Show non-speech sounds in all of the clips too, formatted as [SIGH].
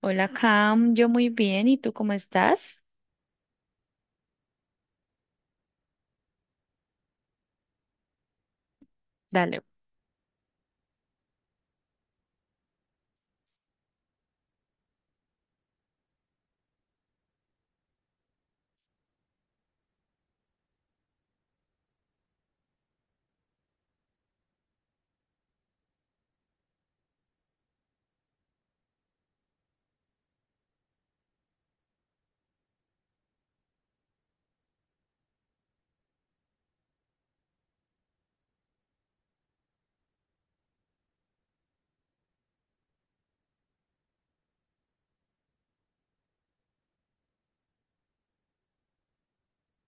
Hola, Cam, yo muy bien, ¿y tú cómo estás? Dale.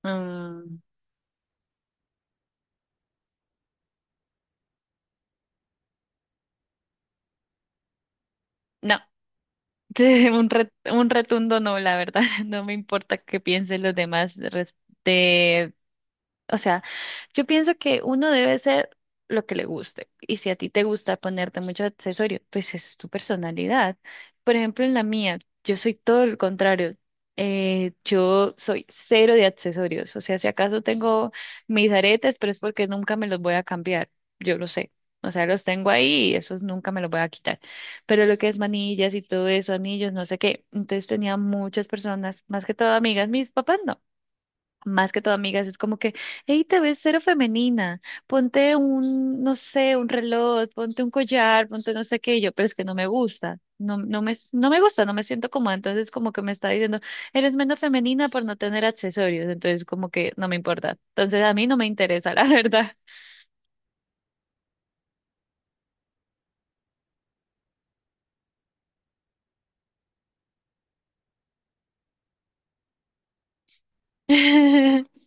Mm, no. [LAUGHS] Un rotundo no, la verdad. [LAUGHS] No me importa qué piensen los demás o sea, yo pienso que uno debe ser lo que le guste. Y si a ti te gusta ponerte mucho accesorio, pues es tu personalidad. Por ejemplo, en la mía, yo soy todo lo contrario. Yo soy cero de accesorios. O sea, si acaso tengo mis aretes, pero es porque nunca me los voy a cambiar. Yo lo sé. O sea, los tengo ahí y esos nunca me los voy a quitar. Pero lo que es manillas y todo eso, anillos, no sé qué. Entonces tenía muchas personas, más que todo amigas, mis papás no más que todo amigas, es como que, hey, te ves cero femenina, ponte un, no sé, un reloj, ponte un collar, ponte no sé qué, y yo, pero es que no me gusta, no, no me gusta, no me siento cómoda, entonces como que me está diciendo, eres menos femenina por no tener accesorios, entonces como que no me importa, entonces a mí no me interesa, la verdad. [LAUGHS]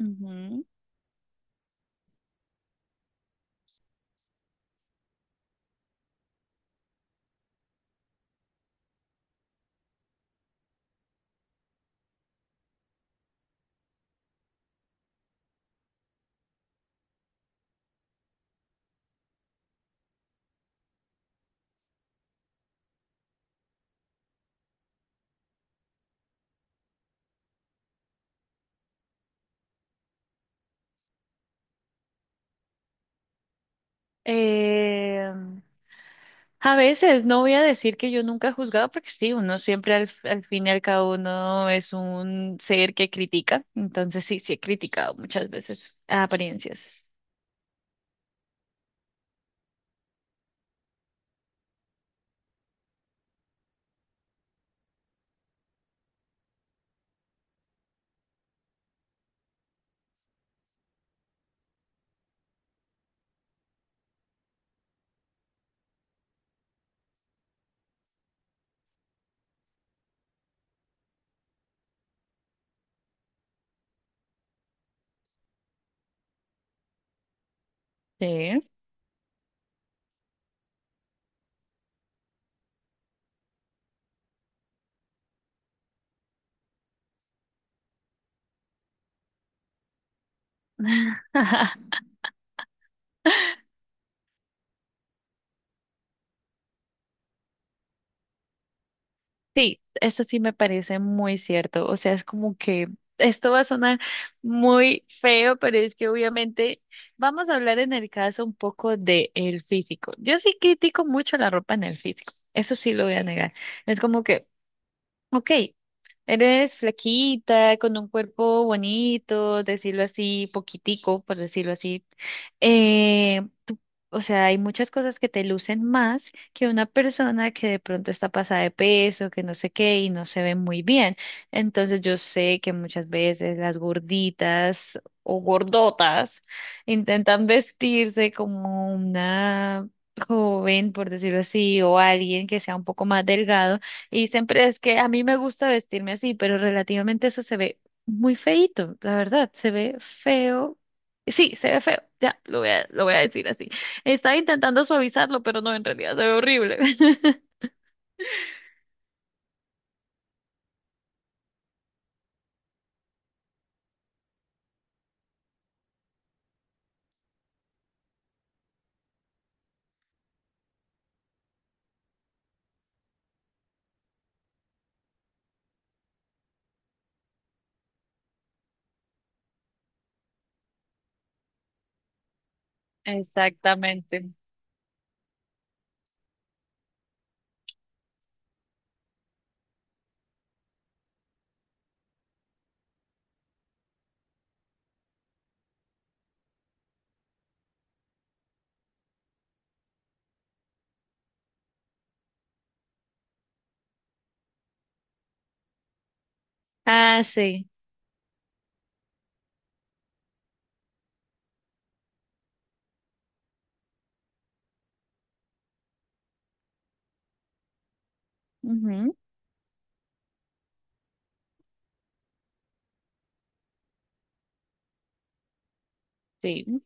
Ujú. Eh, A veces no voy a decir que yo nunca he juzgado, porque sí, uno siempre al fin y al cabo uno es un ser que critica. Entonces sí, sí he criticado muchas veces apariencias. Sí. [LAUGHS] Sí, eso sí me parece muy cierto. O sea, es como que esto va a sonar muy feo, pero es que obviamente vamos a hablar en el caso un poco de el físico. Yo sí critico mucho la ropa en el físico. Eso sí lo voy a negar. Es como que, ok, eres flaquita, con un cuerpo bonito, decirlo así, poquitico, por decirlo así. Eh, tú- o sea, hay muchas cosas que te lucen más que una persona que de pronto está pasada de peso, que no sé qué, y no se ve muy bien. Entonces yo sé que muchas veces las gorditas o gordotas intentan vestirse como una joven, por decirlo así, o alguien que sea un poco más delgado y siempre es que a mí me gusta vestirme así, pero relativamente eso se ve muy feíto, la verdad, se ve feo. Sí, se ve feo, ya, lo voy a decir así. Estaba intentando suavizarlo, pero no, en realidad se ve horrible. [LAUGHS] Exactamente. Ah, sí. Ujú. Sí,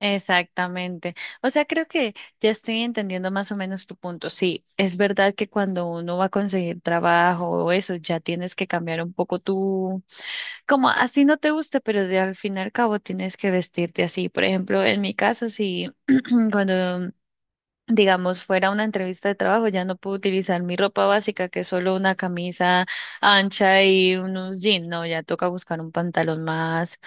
exactamente. O sea, creo que ya estoy entendiendo más o menos tu punto. Sí, es verdad que cuando uno va a conseguir trabajo o eso, ya tienes que cambiar un poco tú como así no te guste, pero de al fin y al cabo tienes que vestirte así. Por ejemplo, en mi caso, si [CLEARS THROAT] cuando, digamos, fuera una entrevista de trabajo, ya no puedo utilizar mi ropa básica, que es solo una camisa ancha y unos jeans, no, ya toca buscar un pantalón más,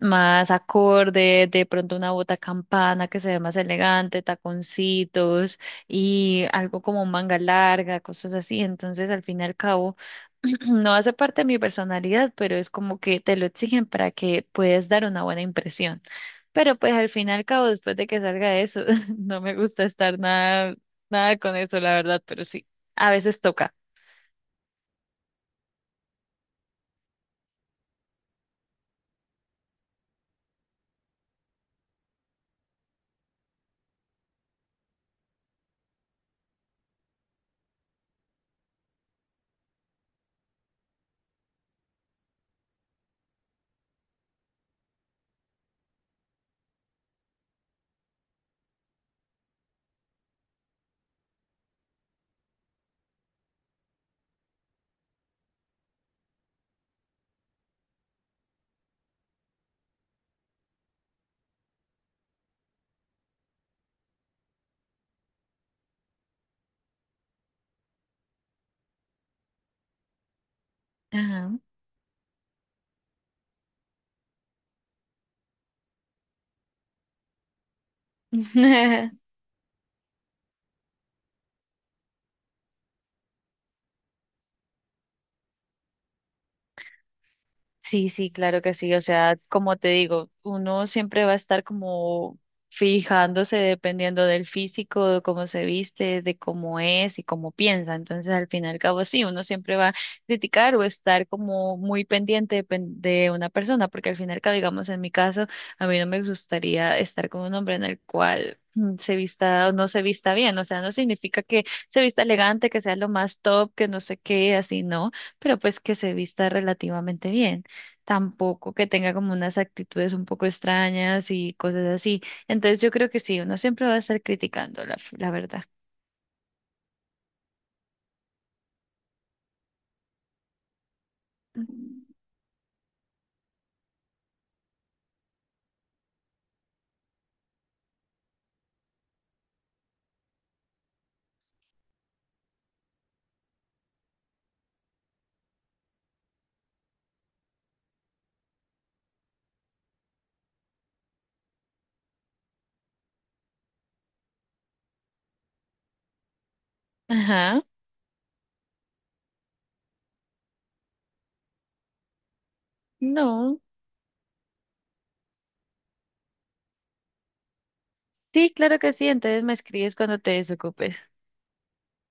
más acorde, de pronto una bota campana que se ve más elegante, taconcitos y algo como manga larga, cosas así. Entonces, al fin y al cabo, [CLEARS THROAT] no hace parte de mi personalidad, pero es como que te lo exigen para que puedas dar una buena impresión. Pero pues al fin y al cabo, después de que salga eso, [LAUGHS] no me gusta estar nada, nada con eso, la verdad, pero sí, a veces toca. Ajá. [LAUGHS] Sí, sí, claro que sí. O sea, como te digo, uno siempre va a estar como fijándose dependiendo del físico, de cómo se viste, de cómo es y cómo piensa. Entonces, al fin y al cabo, sí, uno siempre va a criticar o estar como muy pendiente de una persona, porque al fin y al cabo, digamos, en mi caso, a mí no me gustaría estar con un hombre en el cual se vista o no se vista bien. O sea, no significa que se vista elegante, que sea lo más top, que no sé qué, así, no, pero pues que se vista relativamente bien, tampoco que tenga como unas actitudes un poco extrañas y cosas así. Entonces yo creo que sí, uno siempre va a estar criticando la verdad. Mm. Ajá, no. Sí, claro que sí, entonces me escribes cuando te desocupes.